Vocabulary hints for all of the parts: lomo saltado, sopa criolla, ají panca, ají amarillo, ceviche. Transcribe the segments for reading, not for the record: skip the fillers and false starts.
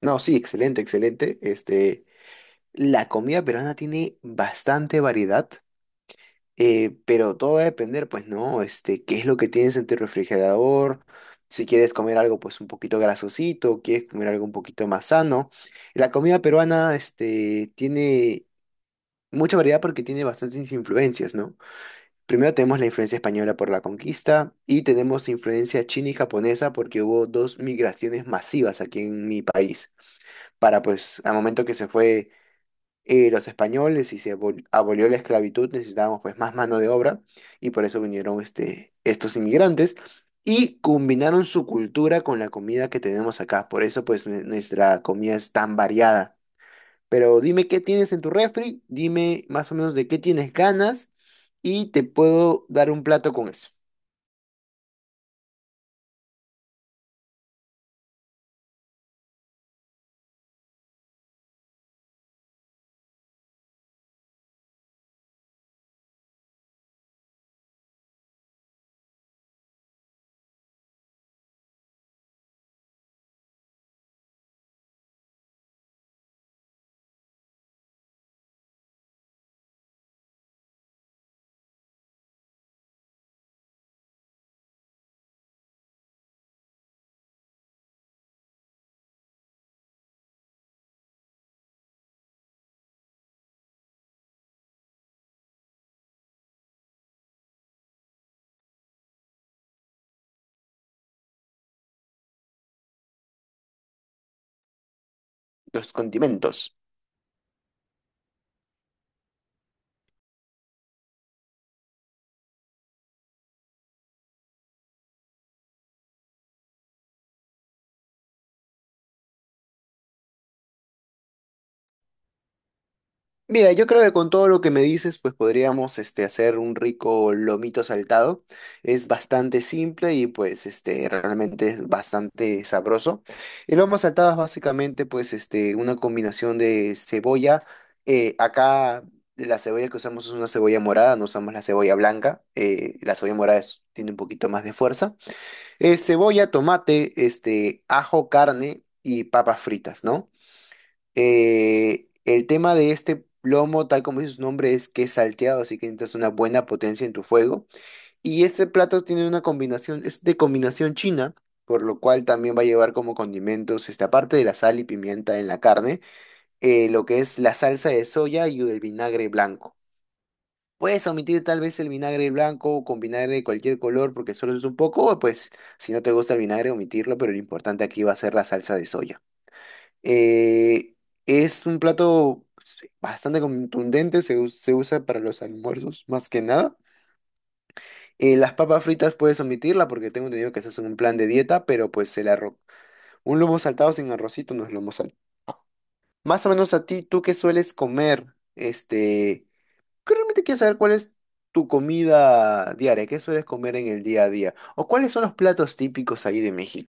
No, sí, excelente, excelente. La comida peruana tiene bastante variedad, pero todo va a depender, pues, ¿no? Qué es lo que tienes en tu refrigerador, si quieres comer algo, pues, un poquito grasosito, quieres comer algo un poquito más sano. La comida peruana, tiene mucha variedad porque tiene bastantes influencias, ¿no? Primero tenemos la influencia española por la conquista y tenemos influencia china y japonesa porque hubo dos migraciones masivas aquí en mi país. Para pues, al momento que se fue los españoles y se abolió la esclavitud, necesitábamos pues más mano de obra y por eso vinieron estos inmigrantes y combinaron su cultura con la comida que tenemos acá. Por eso pues nuestra comida es tan variada. Pero dime qué tienes en tu refri, dime más o menos de qué tienes ganas y te puedo dar un plato con eso, los condimentos. Mira, yo creo que con todo lo que me dices, pues podríamos hacer un rico lomito saltado. Es bastante simple y pues realmente es bastante sabroso. El lomo saltado es básicamente pues una combinación de cebolla. Acá la cebolla que usamos es una cebolla morada, no usamos la cebolla blanca. La cebolla morada tiene un poquito más de fuerza. Cebolla, tomate, ajo, carne y papas fritas, ¿no? El tema de este plomo, tal como dice su nombre, es que es salteado, así que necesitas una buena potencia en tu fuego. Y este plato tiene una combinación, es de combinación china, por lo cual también va a llevar como condimentos, esta parte de la sal y pimienta en la carne, lo que es la salsa de soya y el vinagre blanco. Puedes omitir tal vez el vinagre blanco o con vinagre de cualquier color porque solo es un poco, o pues si no te gusta el vinagre, omitirlo, pero lo importante aquí va a ser la salsa de soya. Eh, es un plato bastante contundente, se usa para los almuerzos más que nada. Las papas fritas puedes omitirla porque tengo entendido que estás en un plan de dieta, pero pues el arroz. Un lomo saltado sin arrocito no es lomo saltado. Más o menos a ti, ¿tú qué sueles comer? Que realmente quiero saber cuál es tu comida diaria, qué sueles comer en el día a día, o cuáles son los platos típicos ahí de México.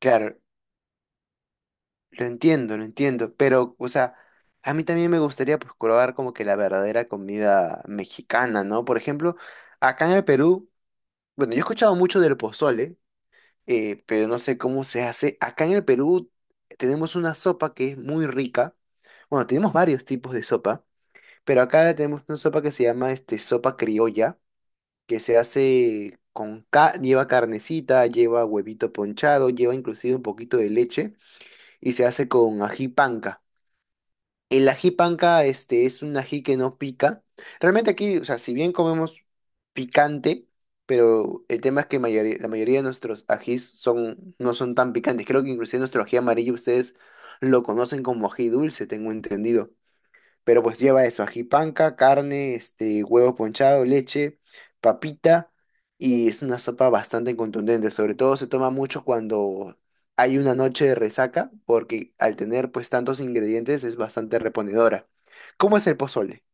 Claro, lo entiendo, lo entiendo, pero, o sea, a mí también me gustaría pues probar como que la verdadera comida mexicana, ¿no? Por ejemplo, acá en el Perú, bueno, yo he escuchado mucho del pozole, pero no sé cómo se hace. Acá en el Perú tenemos una sopa que es muy rica. Bueno, tenemos varios tipos de sopa, pero acá tenemos una sopa que se llama sopa criolla, que se hace con, lleva carnecita, lleva huevito ponchado, lleva inclusive un poquito de leche y se hace con ají panca. El ají panca, es un ají que no pica. Realmente aquí, o sea, si bien comemos picante, pero el tema es que la mayoría de nuestros ajís son, no son tan picantes. Creo que inclusive nuestro ají amarillo ustedes lo conocen como ají dulce, tengo entendido. Pero pues lleva eso, ají panca carne, huevo ponchado, leche, papita, y es una sopa bastante contundente. Sobre todo se toma mucho cuando hay una noche de resaca, porque al tener pues tantos ingredientes es bastante reponedora. ¿Cómo es el pozole?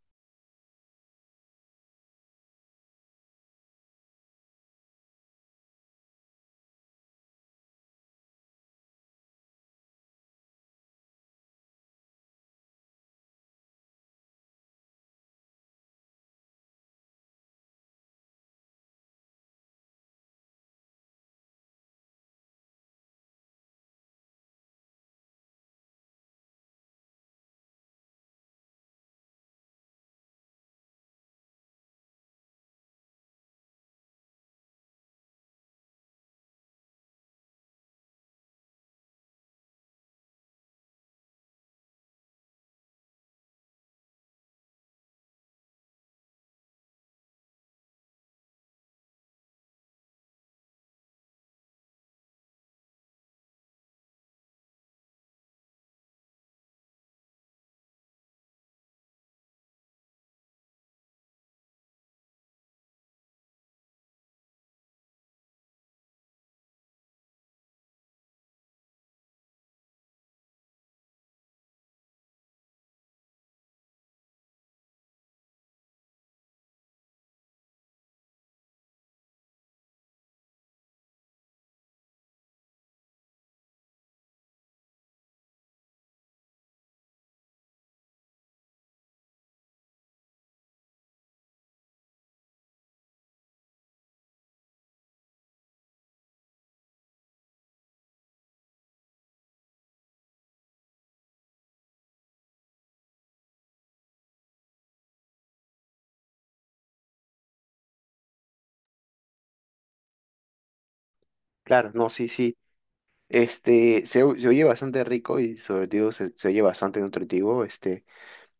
Claro, no, sí, sí. Se, se oye bastante rico y sobre todo se, se oye bastante nutritivo.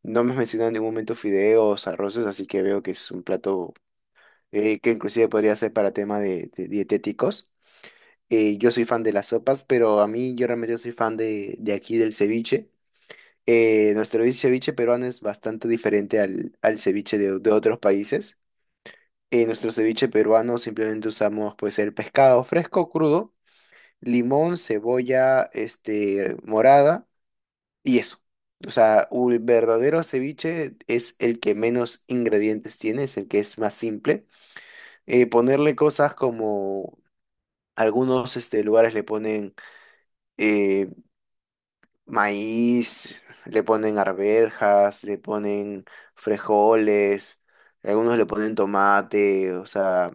No me has mencionado en ningún momento fideos, arroces, así que veo que es un plato que inclusive podría ser para tema de dietéticos. Yo soy fan de las sopas, pero a mí yo realmente soy fan de aquí del ceviche. Nuestro ceviche peruano es bastante diferente al, al ceviche de otros países. En nuestro ceviche peruano simplemente usamos pues el pescado fresco, crudo, limón, cebolla, morada y eso. O sea, un verdadero ceviche es el que menos ingredientes tiene, es el que es más simple. Ponerle cosas como algunos lugares le ponen eh, maíz, le ponen arvejas, le ponen frijoles, algunos le ponen tomate, o sea,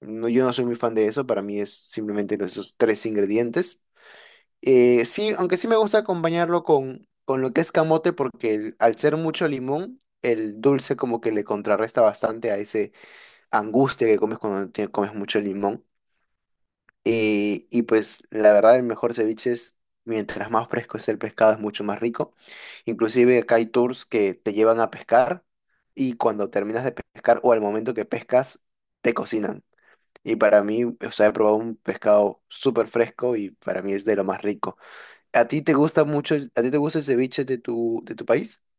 no, yo no soy muy fan de eso, para mí es simplemente esos tres ingredientes. Sí, aunque sí me gusta acompañarlo con lo que es camote, porque al ser mucho limón, el dulce como que le contrarresta bastante a ese angustia que comes cuando comes mucho limón. Y pues la verdad el mejor ceviche es, mientras más fresco es el pescado, es mucho más rico. Inclusive acá hay tours que te llevan a pescar y cuando terminas de pescar o al momento que pescas, te cocinan. Y para mí, o sea, he probado un pescado súper fresco y para mí es de lo más rico. ¿A ti te gusta mucho, a ti te gusta el ceviche de tu país?